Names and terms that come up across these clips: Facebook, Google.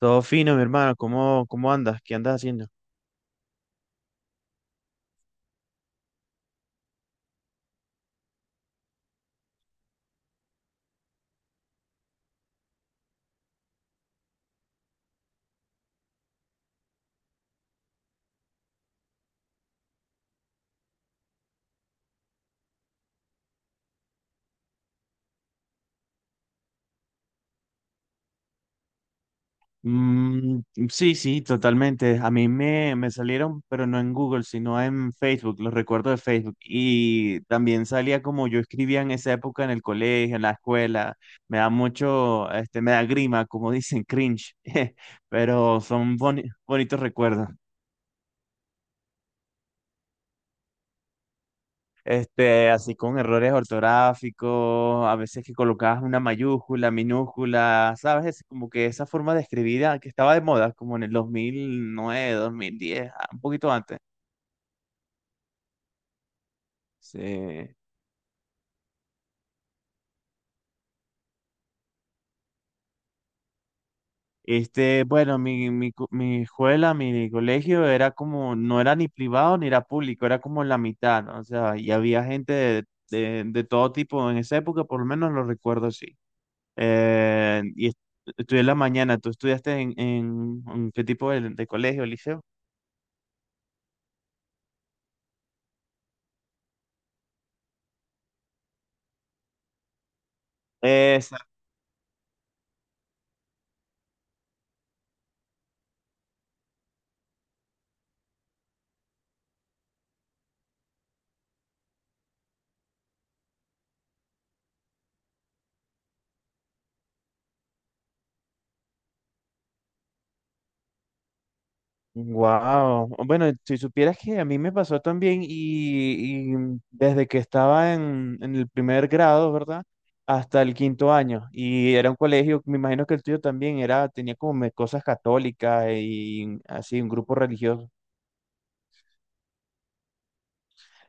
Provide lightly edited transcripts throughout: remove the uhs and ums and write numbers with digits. Todo fino, mi hermano. ¿¿Cómo andas? ¿Qué andas haciendo? Mm, sí, sí, totalmente. A mí me salieron, pero no en Google, sino en Facebook, los recuerdos de Facebook. Y también salía como yo escribía en esa época en el colegio, en la escuela. Me da mucho, me da grima, como dicen, cringe. Pero son bonitos recuerdos. Este, así con errores ortográficos, a veces que colocabas una mayúscula, minúscula, ¿sabes? Es como que esa forma de escribir que estaba de moda, como en el 2009, 2010, un poquito antes. Sí. Bueno, mi escuela, mi colegio era como, no era ni privado ni era público, era como la mitad, ¿no? O sea, y había gente de todo tipo en esa época, por lo menos lo recuerdo así. Y estudié en la mañana. ¿Tú estudiaste en, en qué tipo de colegio, liceo? Exacto. Wow. Bueno, si supieras que a mí me pasó también y desde que estaba en el primer grado, ¿verdad? Hasta el quinto año. Y era un colegio, me imagino que el tuyo también era, tenía como cosas católicas y así, un grupo religioso.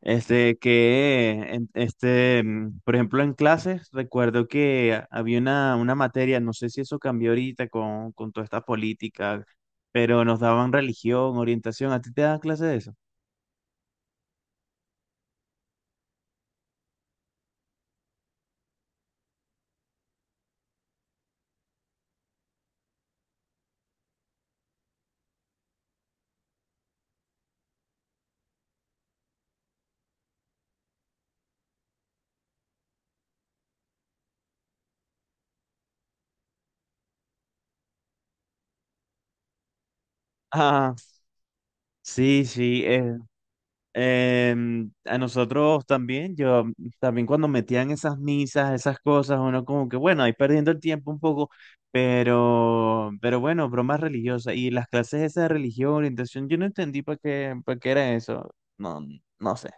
Este, que, por ejemplo, en clases, recuerdo que había una materia, no sé si eso cambió ahorita con toda esta política, pero nos daban religión, orientación. ¿A ti te dan clases de eso? Ah, sí, sí. A nosotros también, yo también cuando metían esas misas, esas cosas, uno como que bueno, ahí perdiendo el tiempo un poco, pero bueno, bromas religiosas y las clases esas de religión, orientación, yo no entendí para qué era eso, no, no sé.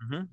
Ujú.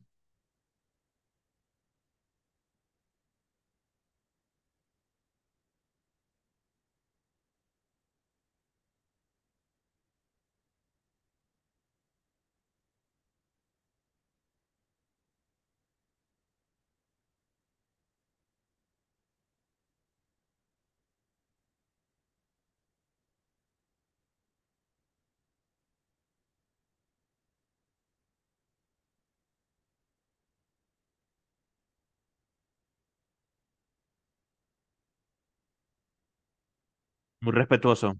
Muy respetuoso.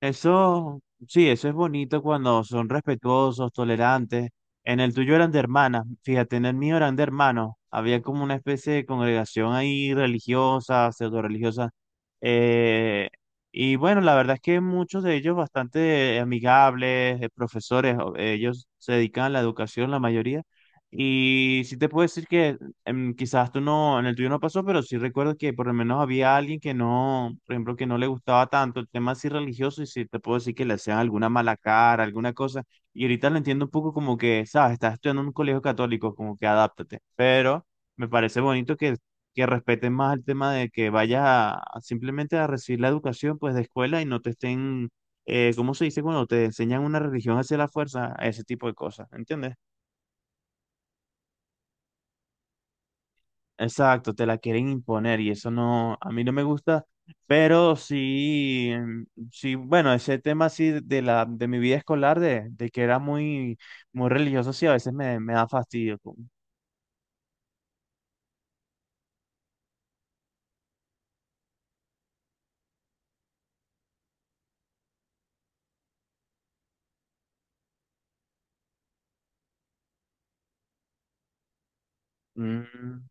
Eso, sí, eso es bonito cuando son respetuosos, tolerantes. En el tuyo eran de hermanas, fíjate, en el mío eran de hermanos. Había como una especie de congregación ahí religiosa, pseudo religiosa. Eh, y bueno, la verdad es que muchos de ellos bastante amigables, profesores, ellos se dedican a la educación, la mayoría. Y sí te puedo decir que quizás tú no, en el tuyo no pasó, pero sí recuerdo que por lo menos había alguien que no, por ejemplo, que no le gustaba tanto el tema así religioso y sí te puedo decir que le hacían alguna mala cara, alguna cosa. Y ahorita lo entiendo un poco como que, sabes, estás estudiando en un colegio católico, como que adáptate. Pero me parece bonito que respeten más el tema de que vayas a simplemente a recibir la educación pues de escuela y no te estén, ¿cómo se dice? Cuando te enseñan una religión hacia la fuerza, ese tipo de cosas, ¿entiendes? Exacto, te la quieren imponer y eso no, a mí no me gusta, pero sí, sí, bueno, ese tema sí de mi vida escolar, de que era muy, muy religioso, sí, a veces me da fastidio. Mm,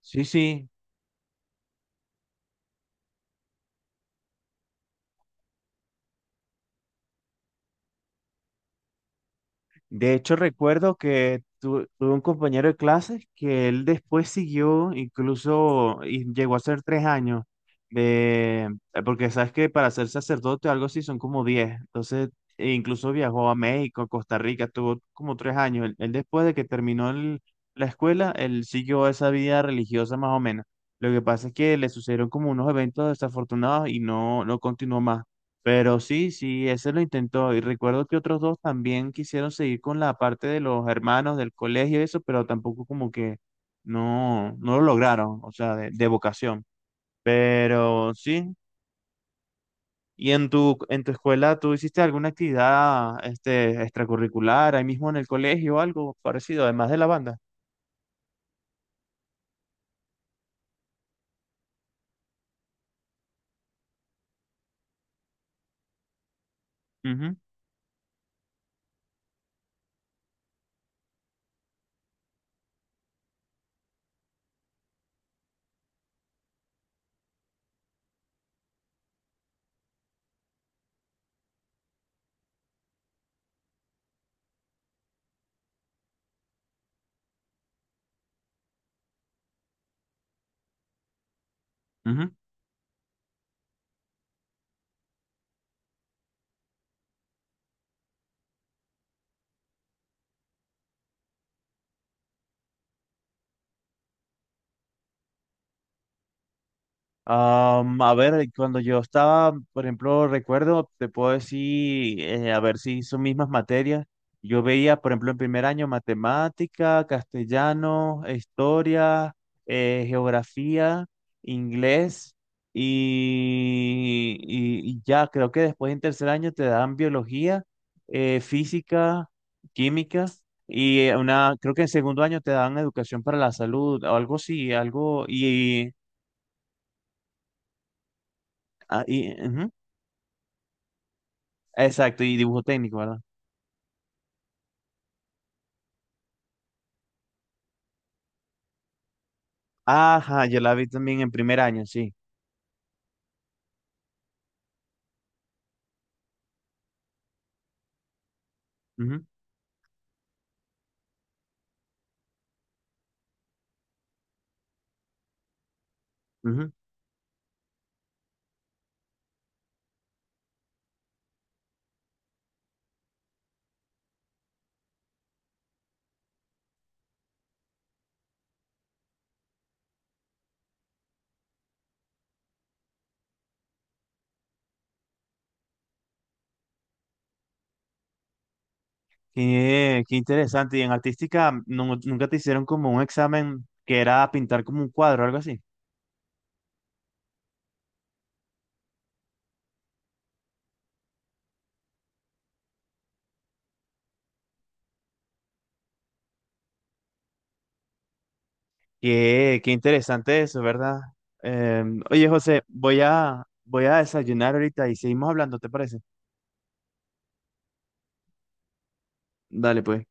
sí, sí, de hecho, recuerdo que tuve un compañero de clases que él después siguió, incluso y llegó a ser 3 años, de, porque sabes que para ser sacerdote o algo así son como diez. Entonces, e incluso viajó a México, a Costa Rica, tuvo como 3 años. Él después de que terminó la escuela, él siguió esa vida religiosa más o menos. Lo que pasa es que le sucedieron como unos eventos desafortunados y no, no continuó más. Pero sí, sí, ese lo intentó. Y recuerdo que otros dos también quisieron seguir con la parte de los hermanos del colegio y eso, pero tampoco como que no, no lo lograron, o sea, de vocación. Pero sí. ¿Y en tu escuela tú hiciste alguna actividad este, extracurricular ahí mismo en el colegio o algo parecido, además de la banda? Ujú, ujú. A ver, cuando yo estaba, por ejemplo, recuerdo, te puedo decir, a ver si son mismas materias. Yo veía, por ejemplo, en primer año matemática, castellano, historia, geografía, inglés y ya, creo que después en tercer año te dan biología, física, química y una, creo que en segundo año te dan educación para la salud o algo así, algo y... ah, y ujú. Exacto, y dibujo técnico, ¿verdad? Ajá, yo la vi también en primer año, sí. Ujú, ujú. Qué, qué interesante. Y en artística, nunca te hicieron como un examen que era pintar como un cuadro o algo así. Qué, qué interesante eso, ¿verdad? Oye, José, voy voy a desayunar ahorita y seguimos hablando, ¿te parece? Dale, pues.